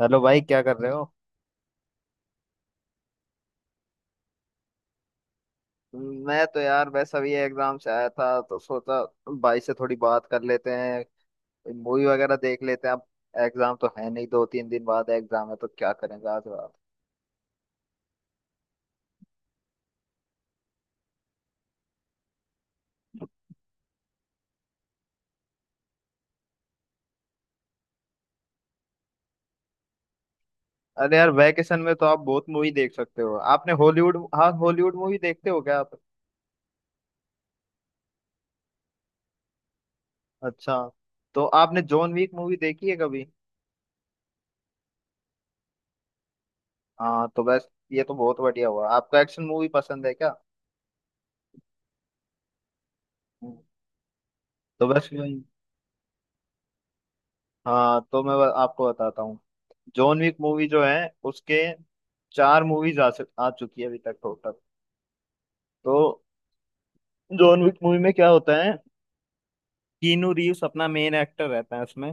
Hello भाई, क्या कर रहे हो। मैं तो यार वैसा भी एग्जाम से आया था तो सोचा भाई से थोड़ी बात कर लेते हैं। मूवी वगैरह देख लेते हैं अब। एग्जाम तो है नहीं, दो तीन दिन बाद एग्जाम है तो क्या करेंगे आज रात। अरे यार, वैकेशन में तो आप बहुत मूवी देख सकते हो। आपने हॉलीवुड, हाँ हॉलीवुड मूवी देखते हो क्या आप? अच्छा, तो आपने जॉन वीक मूवी देखी है कभी? हाँ, तो बस ये तो बहुत बढ़िया हुआ। आपको एक्शन मूवी पसंद है क्या? हम्म। तो बस वही- हाँ, तो मैं आपको बताता हूँ। जॉन विक मूवी जो है, उसके चार मूवीज आ चुकी है अभी तक टोटल। तो जॉन विक मूवी में क्या होता है? कीनू रीव्स अपना मेन एक्टर रहता है उसमें,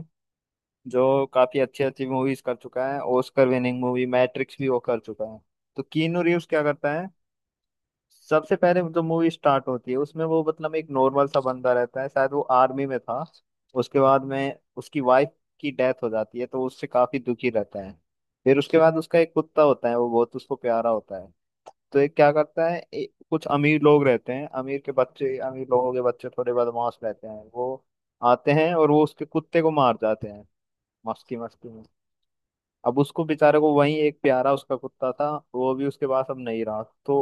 जो काफी अच्छी अच्छी मूवीज कर चुका है। ऑस्कर विनिंग मूवी मैट्रिक्स भी वो कर चुका है। तो कीनू रीव्स क्या करता है? सबसे पहले जो मूवी स्टार्ट होती है उसमें वो मतलब एक नॉर्मल सा बंदा रहता है, शायद वो आर्मी में था। उसके बाद में उसकी वाइफ की डेथ हो जाती है तो उससे काफी दुखी रहता है। फिर उसके बाद उसका एक कुत्ता होता है, वो बहुत उसको प्यारा होता है। तो ये क्या करता है, कुछ अमीर लोग रहते हैं, अमीर के बच्चे, अमीर लोगों के बच्चे थोड़े बदमाश रहते हैं वो। आते हैं और वो उसके कुत्ते को मार जाते हैं मस्ती मस्ती में। अब उसको बेचारे को वही एक प्यारा उसका कुत्ता था, वो भी उसके पास अब नहीं रहा, तो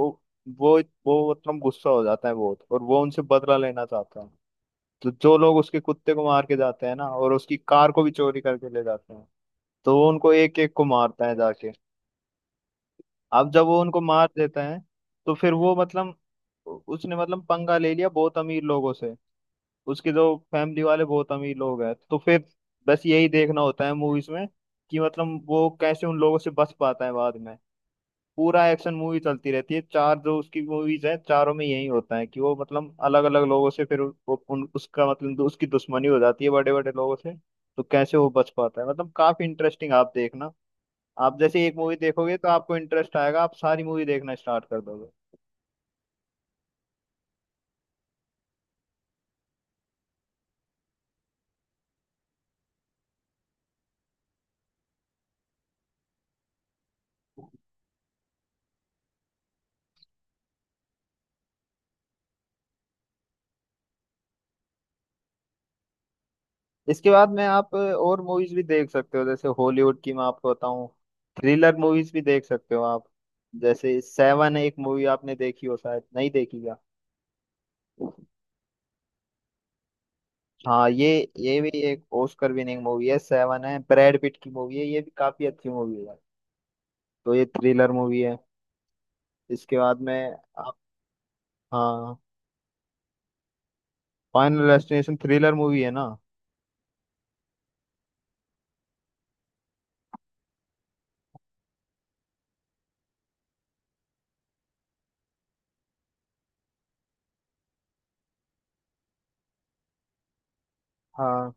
वो वो मतलब गुस्सा हो जाता है बहुत और वो उनसे बदला लेना चाहता है। तो जो लोग उसके कुत्ते को मार के जाते हैं ना, और उसकी कार को भी चोरी करके ले जाते हैं, तो वो उनको एक एक को मारता है जाके। अब जब वो उनको मार देता है तो फिर वो मतलब, उसने मतलब पंगा ले लिया बहुत अमीर लोगों से। उसके जो फैमिली वाले बहुत अमीर लोग हैं, तो फिर बस यही देखना होता है मूवीज में कि मतलब वो कैसे उन लोगों से बच पाता है बाद में। पूरा एक्शन मूवी चलती रहती है। चार जो उसकी मूवीज है चारों में यही होता है कि वो मतलब अलग अलग लोगों से, फिर वो उन उसका मतलब उसकी दुश्मनी हो जाती है बड़े बड़े लोगों से। तो कैसे वो बच पाता है, मतलब काफी इंटरेस्टिंग, आप देखना। आप जैसे एक मूवी देखोगे तो आपको इंटरेस्ट आएगा, आप सारी मूवी देखना स्टार्ट कर दोगे। इसके बाद में आप और मूवीज भी देख सकते हो, जैसे हॉलीवुड की मैं आपको बताऊं। थ्रिलर मूवीज भी देख सकते हो आप। जैसे सेवन एक मूवी आपने देखी हो शायद, नहीं देखी क्या? हाँ, ये भी एक ऑस्कर विनिंग मूवी है। सेवन है, ब्रैड पिट की मूवी है, ये भी काफी अच्छी मूवी है। तो ये थ्रिलर मूवी है। इसके बाद में आप, हाँ। फाइनल डेस्टिनेशन थ्रिलर मूवी है ना। हाँ,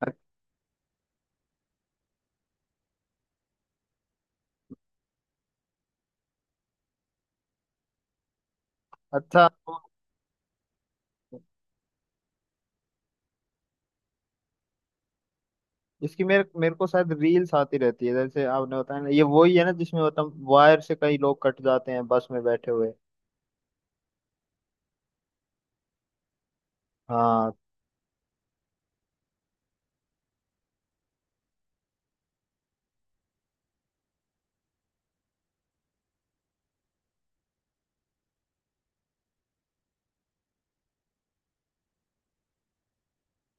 अ- अच्छा। तो इसकी मेरे मेरे को शायद रील्स आती रहती है, जैसे आपने बताया ना, ये वही है ना जिसमें मतलब वायर से कई लोग कट जाते हैं बस में बैठे हुए। हाँ।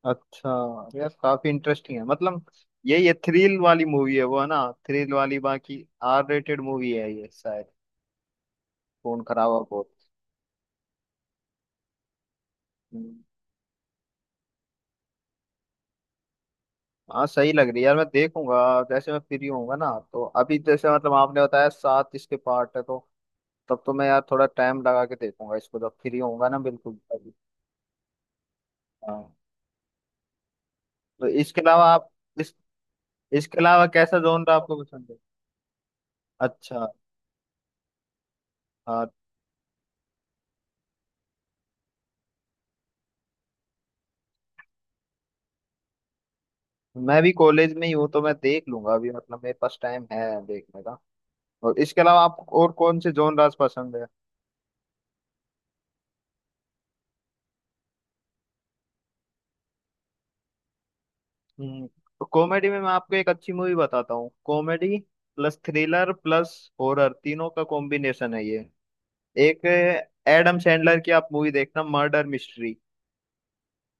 अच्छा, यार काफी इंटरेस्टिंग है मतलब। ये थ्रिल वाली मूवी है वो, है ना। थ्रिल वाली, बाकी आर रेटेड मूवी है ये शायद, खून खराब और बहुत। हम्म। हाँ, सही लग रही है यार, मैं देखूंगा जैसे मैं फ्री होऊंगा ना। तो अभी जैसे मतलब आपने बताया सात इसके पार्ट है, तो तब तो मैं यार थोड़ा टाइम लगा के देखूंगा इसको जब फ्री होऊंगा ना, बिल्कुल अभी। हाँ, तो इसके अलावा आप, इस इसके अलावा कैसा जॉनर आपको पसंद है? अच्छा। हाँ, मैं भी कॉलेज में ही हूँ तो मैं देख लूंगा अभी, मतलब मेरे पास टाइम है देखने का। और इसके अलावा आपको और कौन से जॉनर्स पसंद है? हम्म। तो कॉमेडी में मैं आपको एक अच्छी मूवी बताता हूँ। Comedy plus thriller plus horror, तीनों का कॉम्बिनेशन है ये। एक एडम सैंडलर की आप मूवी देखना, मर्डर मिस्ट्री।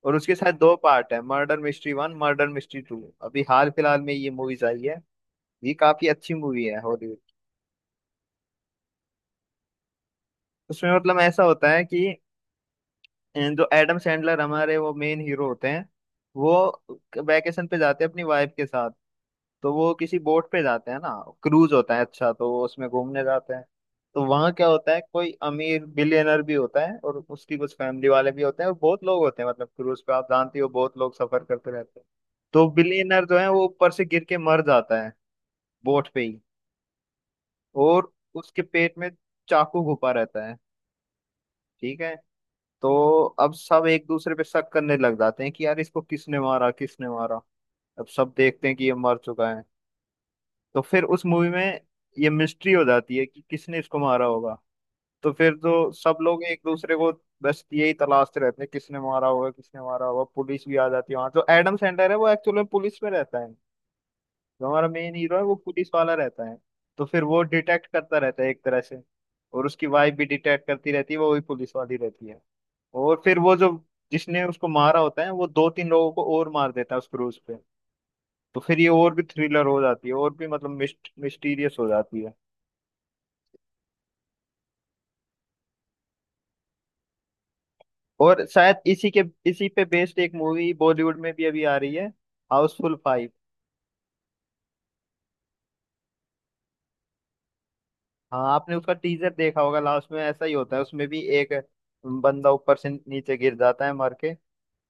और उसके साथ दो पार्ट है, Murder Mystery one, Murder Mystery two, अभी हाल फिलहाल में ये मूवीज आई है। ये काफी अच्छी मूवी है, हॉलीवुड। उसमें मतलब ऐसा होता है कि जो एडम सैंडलर हमारे, वो मेन हीरो होते हैं। वो वेकेशन पे जाते हैं अपनी वाइफ के साथ। तो वो किसी बोट पे जाते हैं ना, क्रूज होता है अच्छा, तो वो उसमें घूमने जाते हैं। तो वहाँ क्या होता है, कोई अमीर बिलियनर भी होता है और उसकी कुछ फैमिली वाले भी होते हैं और बहुत लोग होते हैं, मतलब क्रूज पे आप जानती हो बहुत लोग सफर करते रहते हैं। तो बिलियनर जो है वो ऊपर से गिर के मर जाता है बोट पे ही, और उसके पेट में चाकू घुपा रहता है, ठीक है। तो अब सब एक दूसरे पे शक करने लग जाते हैं कि यार इसको किसने मारा, किसने मारा। अब सब देखते हैं कि ये मर चुका है, तो फिर उस मूवी में ये मिस्ट्री हो जाती है कि किसने इसको मारा होगा। तो फिर तो सब लोग एक दूसरे को, बस यही तलाशते रहते हैं, किसने मारा होगा, किसने मारा होगा। पुलिस भी आ जाती है वहां, तो एडम सैंडलर है वो एक्चुअल में पुलिस में रहता है। जो हमारा मेन हीरो है वो पुलिस वाला रहता है। तो फिर वो डिटेक्ट करता रहता है एक तरह से, और उसकी वाइफ भी डिटेक्ट करती रहती है, वो भी पुलिस वाली रहती है। और फिर वो जो जिसने उसको मारा होता है, वो दो तीन लोगों को और मार देता है उस क्रूज पे। तो फिर ये और भी थ्रिलर हो जाती है और भी मतलब मिस्टीरियस हो जाती है। और शायद इसी पे बेस्ड एक मूवी बॉलीवुड में भी अभी आ रही है, हाउसफुल फाइव। हाँ, आपने उसका टीजर देखा होगा। लास्ट में ऐसा ही होता है उसमें भी, एक बंदा ऊपर से नीचे गिर जाता है मर के,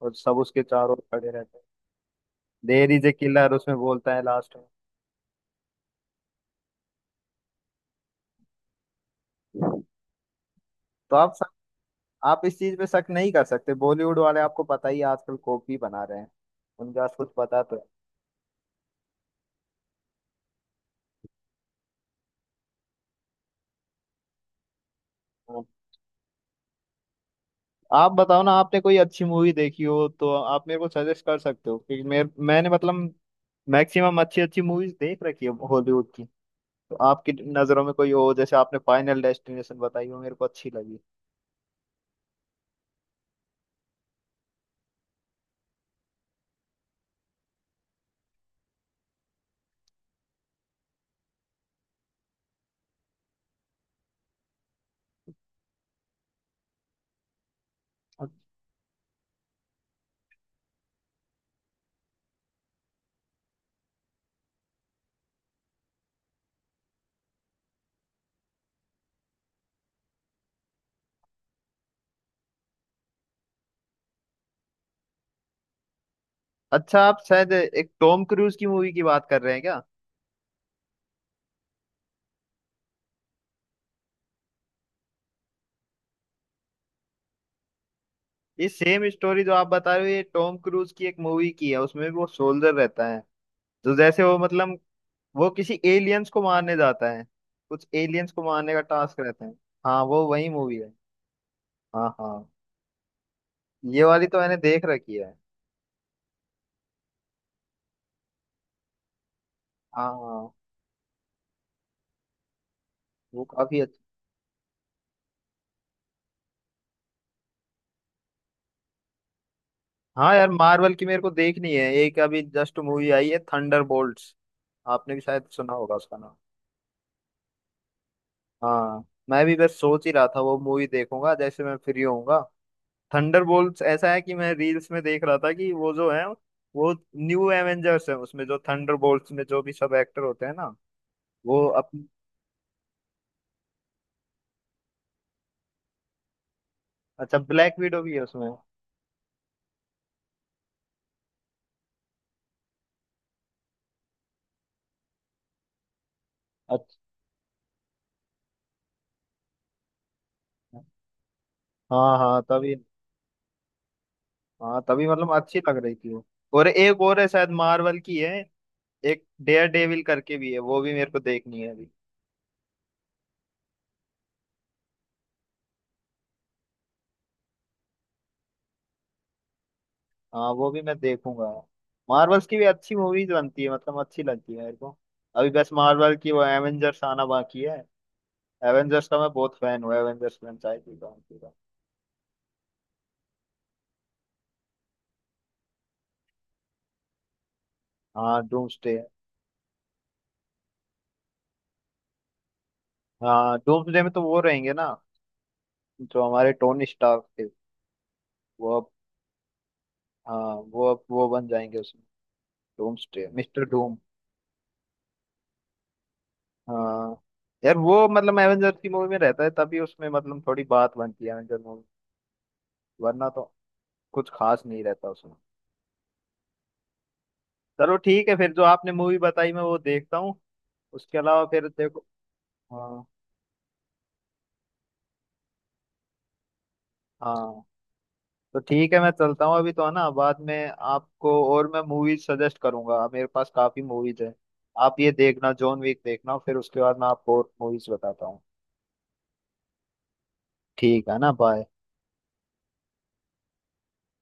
और सब उसके चारों ओर खड़े रहते हैं। देयर इज ए किलर, उसमें बोलता है लास्ट में। तो आप शक, आप इस चीज पे शक नहीं कर सकते, बॉलीवुड वाले आपको पता ही है, आजकल कॉपी बना रहे हैं। उनके पास कुछ पता तो है। आप बताओ ना, आपने कोई अच्छी मूवी देखी हो तो आप मेरे को सजेस्ट कर सकते हो, क्योंकि मेरे मैंने मतलब मैक्सिमम अच्छी अच्छी मूवीज देख रखी है हॉलीवुड की। तो आपकी नज़रों में कोई हो, जैसे आपने फाइनल डेस्टिनेशन बताई हो मेरे को अच्छी लगी। अच्छा, आप शायद एक टॉम क्रूज की मूवी की बात कर रहे हैं क्या? ये सेम स्टोरी जो आप बता रहे हो, ये टॉम क्रूज की एक मूवी की है, उसमें भी वो सोल्जर रहता है। तो जैसे वो मतलब वो किसी एलियंस को मारने जाता है, कुछ एलियंस को मारने का टास्क रहता है। हाँ, वो वही मूवी है। हाँ, हाँ। ये वाली तो मैंने देख रखी है। हाँ, हाँ। वो काफी अच्छा। हाँ यार, मार्वल की मेरे को देखनी है एक, अभी जस्ट मूवी आई है थंडर बोल्ट्स। आपने भी शायद सुना होगा उसका नाम। हाँ, मैं भी बस सोच ही रहा था वो मूवी देखूंगा जैसे मैं फ्री होऊंगा। थंडर बोल्ट्स ऐसा है कि मैं रील्स में देख रहा था कि वो जो है, वो न्यू एवेंजर्स है, उसमें जो थंडर बोल्ट्स में जो भी सब एक्टर होते हैं ना, वो अपनी, अच्छा ब्लैक विडो भी है उसमें। अच्छा, हाँ हाँ तभी, हाँ तभी मतलब अच्छी लग रही थी वो। और एक और है शायद, मार्वल की है। एक डेयर डेविल करके भी है, वो भी मेरे को देखनी है अभी। हाँ, वो भी मैं देखूंगा। मार्वल्स की भी अच्छी मूवीज बनती है, मतलब अच्छी लगती है मेरे को। अभी बस मार्वल की वो एवेंजर्स आना बाकी है। एवेंजर्स का मैं बहुत फैन हूँ, एवेंजर्स फ्रेंचाइजी का, उनकी का। हाँ, डूम्सडे। हाँ, डूम्सडे में तो वो रहेंगे ना जो हमारे टोनी स्टार्क थे। वो अब, हाँ वो अब वो बन जाएंगे उसमें, डूम्सडे मिस्टर डूम। हाँ यार, वो मतलब एवेंजर्स की मूवी में रहता है तभी उसमें मतलब थोड़ी बात बनती है एवेंजर मूवी, वरना तो कुछ खास नहीं रहता उसमें। चलो ठीक है, फिर जो आपने मूवी बताई मैं वो देखता हूँ। उसके अलावा फिर देखो। हाँ। हाँ तो ठीक है, मैं चलता हूँ अभी तो, है ना। बाद में आपको और मैं मूवीज सजेस्ट करूंगा, मेरे पास काफी मूवीज है। आप ये देखना, जॉन विक देखना, फिर उसके बाद मैं आपको और मूवीज बताता हूँ। ठीक है ना, बाय।